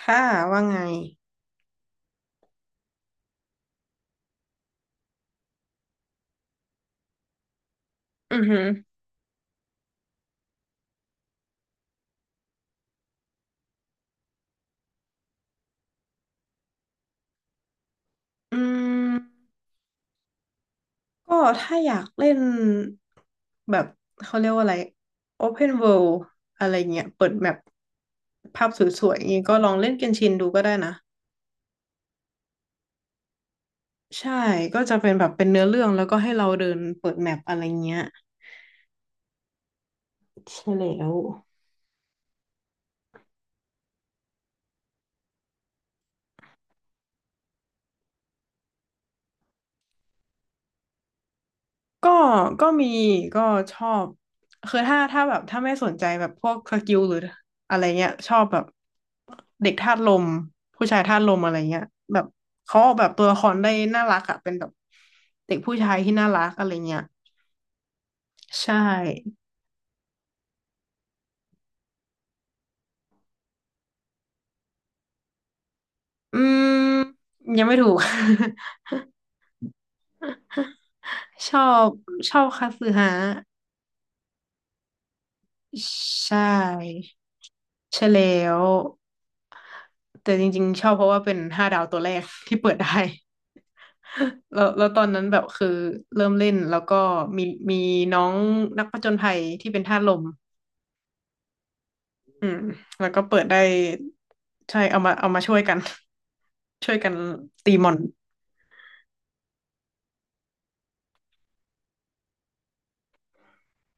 ค่ะว่าไงอือหืออืมก็ถ้าอยากเล่นแบบเขาเรียกว่าอะไร Open World อะไรเงี้ย เปิดแมปภาพสวยๆอย่างงี้ก็ลองเล่นเกนชินดูก็ได้นะ ใช่ ก็จะเป็นแบบเป็นเนื้อเรื่องแล้วก็ให้เราเดินเปิดแมปอะไรเงี้ย ใช่แล้ว ก็ก็มีก็ชอบคือถ้าแบบถ้าไม่สนใจแบบพวกสกิลหรืออะไรเงี้ยชอบแบบเด็กธาตุลมผู้ชายธาตุลมอะไรเงี้ยแบบเขาออกแบบตัวละครได้น่ารักอะเป็นแบบเด็กผู้ชายที่น่ารักอะไรเงี้ยใช่อืมยังไม่ถูก ชอบชอบคาสึฮะใช่ใช่แล้วแต่จริงๆชอบเพราะว่าเป็นห้าดาวตัวแรกที่เปิดได้ แล้วตอนนั้นแบบคือเริ่มเล่น แล้วก็มีมีน้องนักผจญภัยที่เป็นธาตุลมอืมแล้วก็เปิดได้ใช่เอามาช่วยกัน ช่วยกันตีมอน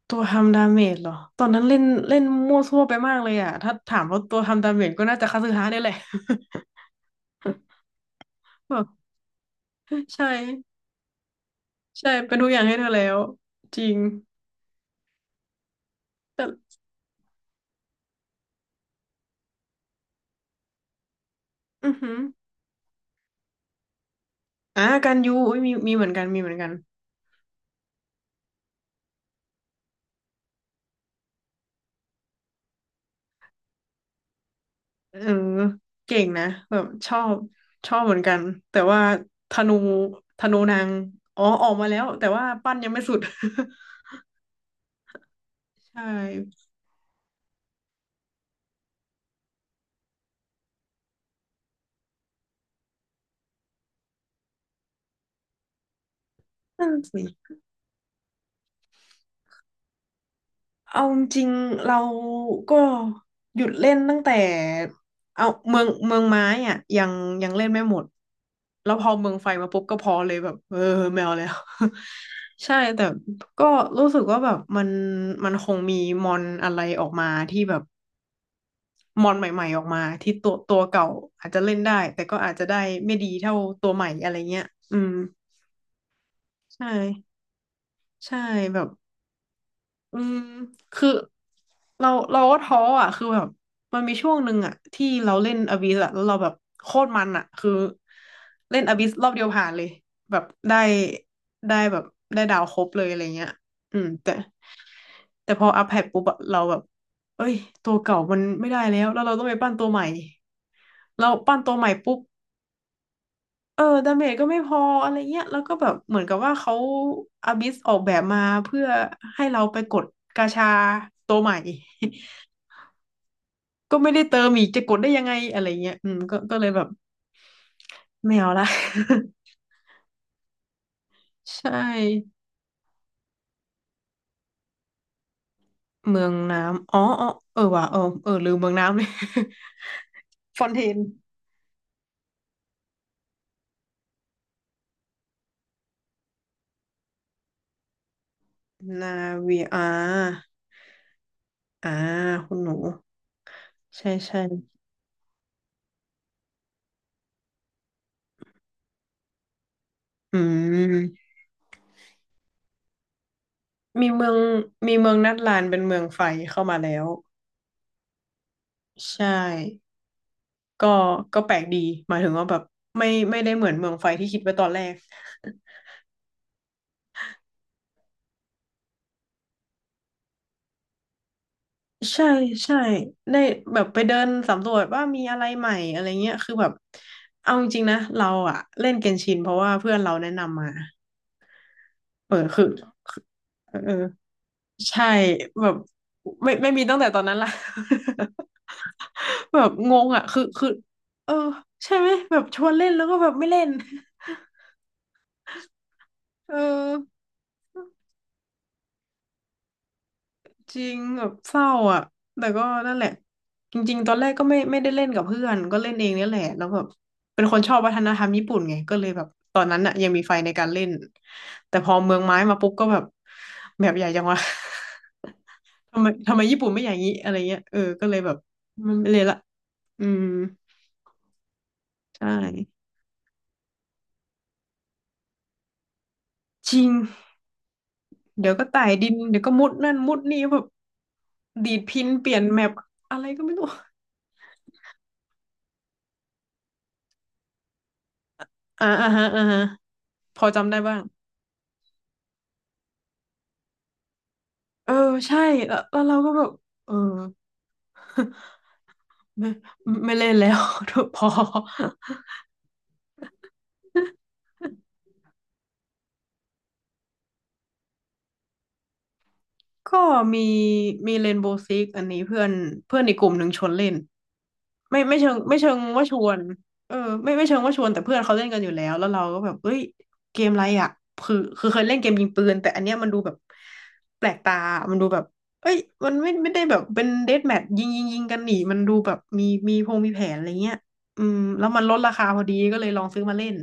ตัวทำดาเมจเหรอ ตอนนั้นเล่นเล่นมั่วซั่วไปมากเลยอ่ะ ถ้าถามว่าตัวทำดาเมจก็น่าจะคาสึฮะเนี่ยแหละ แบบใช่ใช่เป็นทุกอย่างให้เธอแล้วจริงแต่อือหืออ่ะการยูอุ๊ยมีเหมือนกันมีเหมือนกัน เออเก่งนะแบบชอบเหมือนกันแต่ว่าธนูธนูนางอ๋อออกมาแล้วแต่ว่าปั้นยังไม่สุด ใช่นั่นสิเอาจริงๆเราก็หยุดเล่นตั้งแต่เอาเมืองไม้อ่ะยังเล่นไม่หมดแล้วพอเมืองไฟมาปุ๊บก็พอเลยแบบเออแมวแล้ว ใช่แต่ก็รู้สึกว่าแบบมันคงมีมอนอะไรออกมาที่แบบ มอนใหม่ๆออกมาที่ตัวเก่าอาจจะเล่นได้แต่ก็อาจจะได้ไม่ดีเท่าตัวใหม่อะไรเงี้ยอืมใช่ใช่แบบอืมคือเราก็ท้ออ่ะคือแบบมันมีช่วงหนึ่งอ่ะที่เราเล่นอบิสอ่ะแล้วเราแบบโคตรมันอ่ะคือเล่นอบิสรอบเดียวผ่านเลยแบบได้แบบได้ดาวครบเลยอะไรเงี้ยอืมแต่พออัพแพทปุ๊บอะเราแบบเอ้ยตัวเก่ามันไม่ได้แล้วแล้วเราต้องไปปั้นตัวใหม่เราปั้นตัวใหม่ปุ๊บ เออดาเมจก็ไม่พออะไรเงี้ยแล้วก็แบบเหมือนกับว่าเขาอาบิสออกแบบมาเพื่อให้เราไปกดกาชาตัวใหม่ ก็ไม่ได้เติมอีกจะกดได้ยังไงอะไรเงี้ยอืมก็เลยแบบไม่เอาละ ใช่เมืองน้ำอ๋อเออว่ะอเออลืมเมืองน้ำเลย ฟอนเทนนาวีอาอ่าคุณหนูใช่ใช่อืมมีเมืองมีเมืองนัดลานเป็นเมืองไฟเข้ามาแล้วใช่ ก็ก็แปลกดีหมายถึงว่าแบบไม่ได้เหมือนเมืองไฟที่คิดไว้ตอนแรก ใช่ใช่ได้แบบไปเดินสำรวจว่ามีอะไรใหม่อะไรเงี้ยคือแบบเอาจริงๆนะเราอะเล่นเกนชินเพราะว่าเพื่อนเราแนะนำมาเออคือเออใช่แบบไม่มีตั้งแต่ตอนนั้นละ แบบงงอะคือคือเออใช่ไหมแบบชวนเล่นแล้วก็แบบไม่เล่น เออ จริงแบบเศร้าอ่ะแต่ก็นั่นแหละจริงๆตอนแรกก็ไม่ได้เล่นกับเพื่อนก็เล่นเองนี่แหละแล้วแบบเป็นคนชอบวัฒนธรรมญี่ปุ่นไงก็เลยแบบตอนนั้นอ่ะยังมีไฟในการเล่นแต่พอเมืองไม้มาปุ๊บก็แบบแบบใหญ่จังวะ ทำไมญี่ปุ่นไม่อย่างนี้อะไรเงี้ยเออก็เลยแบบมันไม่เลยละอืมใช่จริงเดี๋ยวก็ไต่ดินเดี๋ยวก็มุดนั่นมุดนี่แบบดีดพินเปลี่ยนแมปอะไรก็ไม่รู้อ่าอ่าฮะอ่าฮะพอจำได้บ้าง เออใช่แล้วเราก็แบบเออ ไม่ไม่เล่นแล้ว พอ ก็มีมีเรนโบว์ซิกอันนี้เพื่อนเพื่อนอีกกลุ่มหนึ่งชวนเล่นไม่เชิงว่าชวนเออไม่เชิงว่าชวนแต่เพื่อนเขาเล่นกันอยู่แล้วแล้วเราก็แบบเอ้ยเกมอะไรอ่ะคือเคยเล่นเกมยิงปืนแต่อันเนี้ยมันดูแบบแปลกตา มันดูแบบเอ้ยมันไม่ได้แบบเป็นเดธแมทยิงยิงกันหนีมันดูแบบมีพงมีแผนอะไรเงี้ยอืมแล้วมันลดราคาพอดีก็เลยลองซื้อมาเล่น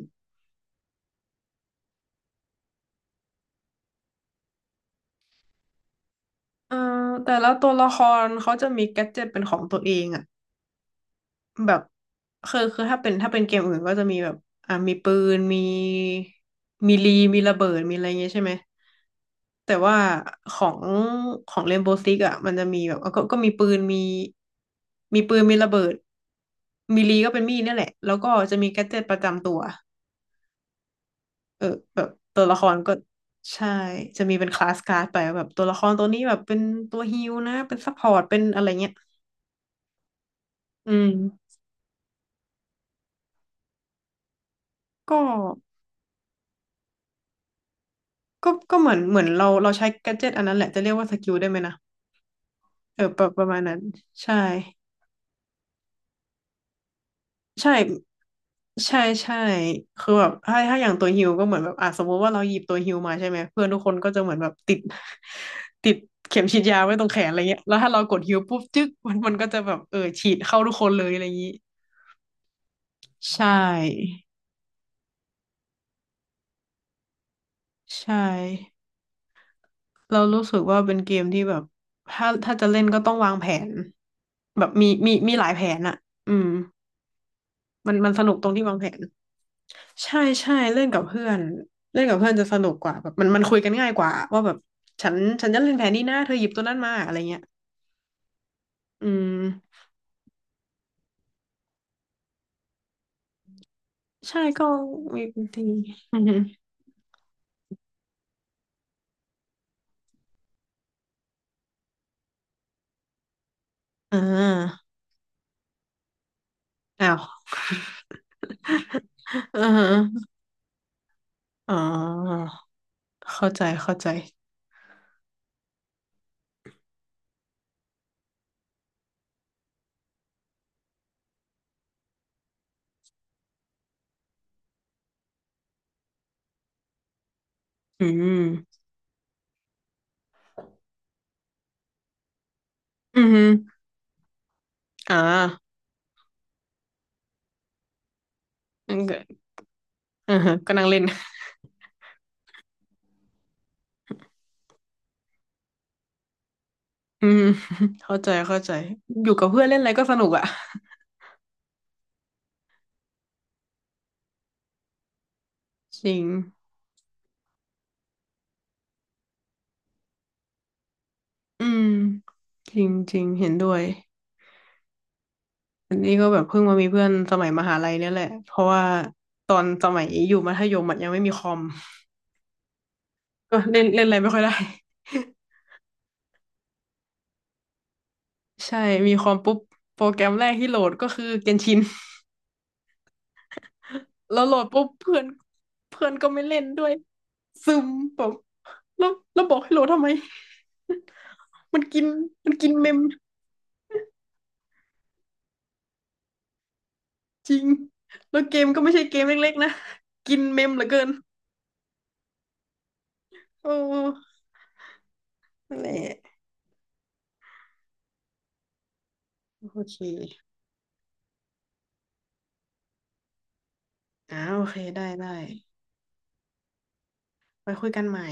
เอ่อแต่ละตัวละครเขาจะมีแกดเจ็ตเป็นของตัวเองอ่ะ แบบคือถ้าเป็นเกมอื่นก็จะมีแบบมีปืนมีลีมีระเบิดมีอะไรเงี้ยใช่ไหมแต่ว่าของของเรนโบว์ซิกอ่ะมันจะมีแบบก็มีปืนมีปืนมีระเบิดมีลีก็เป็นมีดเนี่ยแหละแล้วก็จะมีแกดเจ็ตประจำตัวเออแบบตัวละครก็ใช่จะมีเป็นคลาสการ์ดไปว่าแบบตัวละครตัวนี้แบบเป็นตัวฮีลนะเป็นซัพพอร์ตเป็นอะไรเงี้ยอืมก็ ก็เหมือนเราใช้แกดเจ็ตอันนั้นแหละจะเรียกว่าสกิลได้ไหมนะเออประมาณนั้น ใช่ ใช่ ใช่ใช่คือแบบถ้าอย่าง ตัวฮิวก็เหมือนแบบอ่ะสมมติว่าเราหยิบตัวฮิวมาใช่ไหม เพื่อน ทุกคน ก็จะเหมือนแบบติด ติดเข็มฉีดยาไว้ตรงแขนอะไรเงี้ยแล้วถ้าเรากดฮิวปุ๊บจึ๊กมันก็จะแบบเออฉีดเข้าทุกคนเลยอะไรอย่างนี้ใช่ใช่เรารู้สึกว่าเป็นเกมที่แบบถ้าจะเล่นก็ต้องวางแผนแบบมีหลายแผนอะอืม มันสนุกตรงที่วางแผนใช่ใช่เล่นกับเพื่อนเล่นกับเพื่อนจะสนุกกว่าแบบมันคุยกันง่ายกว่าว่าแบบฉันฉันจะเล่นแผนนี้นะเธอหยิบตัวนั้นมาอะไรเงี้ยอืมใช่ก็มีบางที อือฮึอ่าอ้าว อือฮอ๋อเข้าใจเข้าใจอืมอือฮึอ่างั้นก็อือฮะก็นั่งเล่น อืมเข้าใจเข้าใจอยู่กับเพื่อนเล่นอะไรก็สนุกอ่ะ จริงอืมจริงจริงเห็นด้วย อันนี้ก็แบบเพิ่งมามีเพื่อนสมัยมหาลัยเนี่ยแหละเพราะว่าตอนสมัยอยู่มัธยมอะยังไม่มีคอมก็เล่นเล่นอะไรไม่ค่อยได้ ใช่มีคอมปุ๊บโปรแกรมแรกที่โหลดก็คือเกนชินแล้วโหลดปุ๊บเพื่อนเพื่อนก็ไม่เล่นด้วยซึมแบบแล้วบอกให้โหลดทำไม มันกินมันกินเมมจริงแล้วเกมก็ไม่ใช่เกมเล็กๆนะกินเมมเหลือเกินโอ้นั่นแหละโอเคอ่าโอเคได้ได้ไปคุยกันใหม่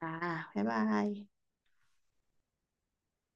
อ่าบ๊ายบาย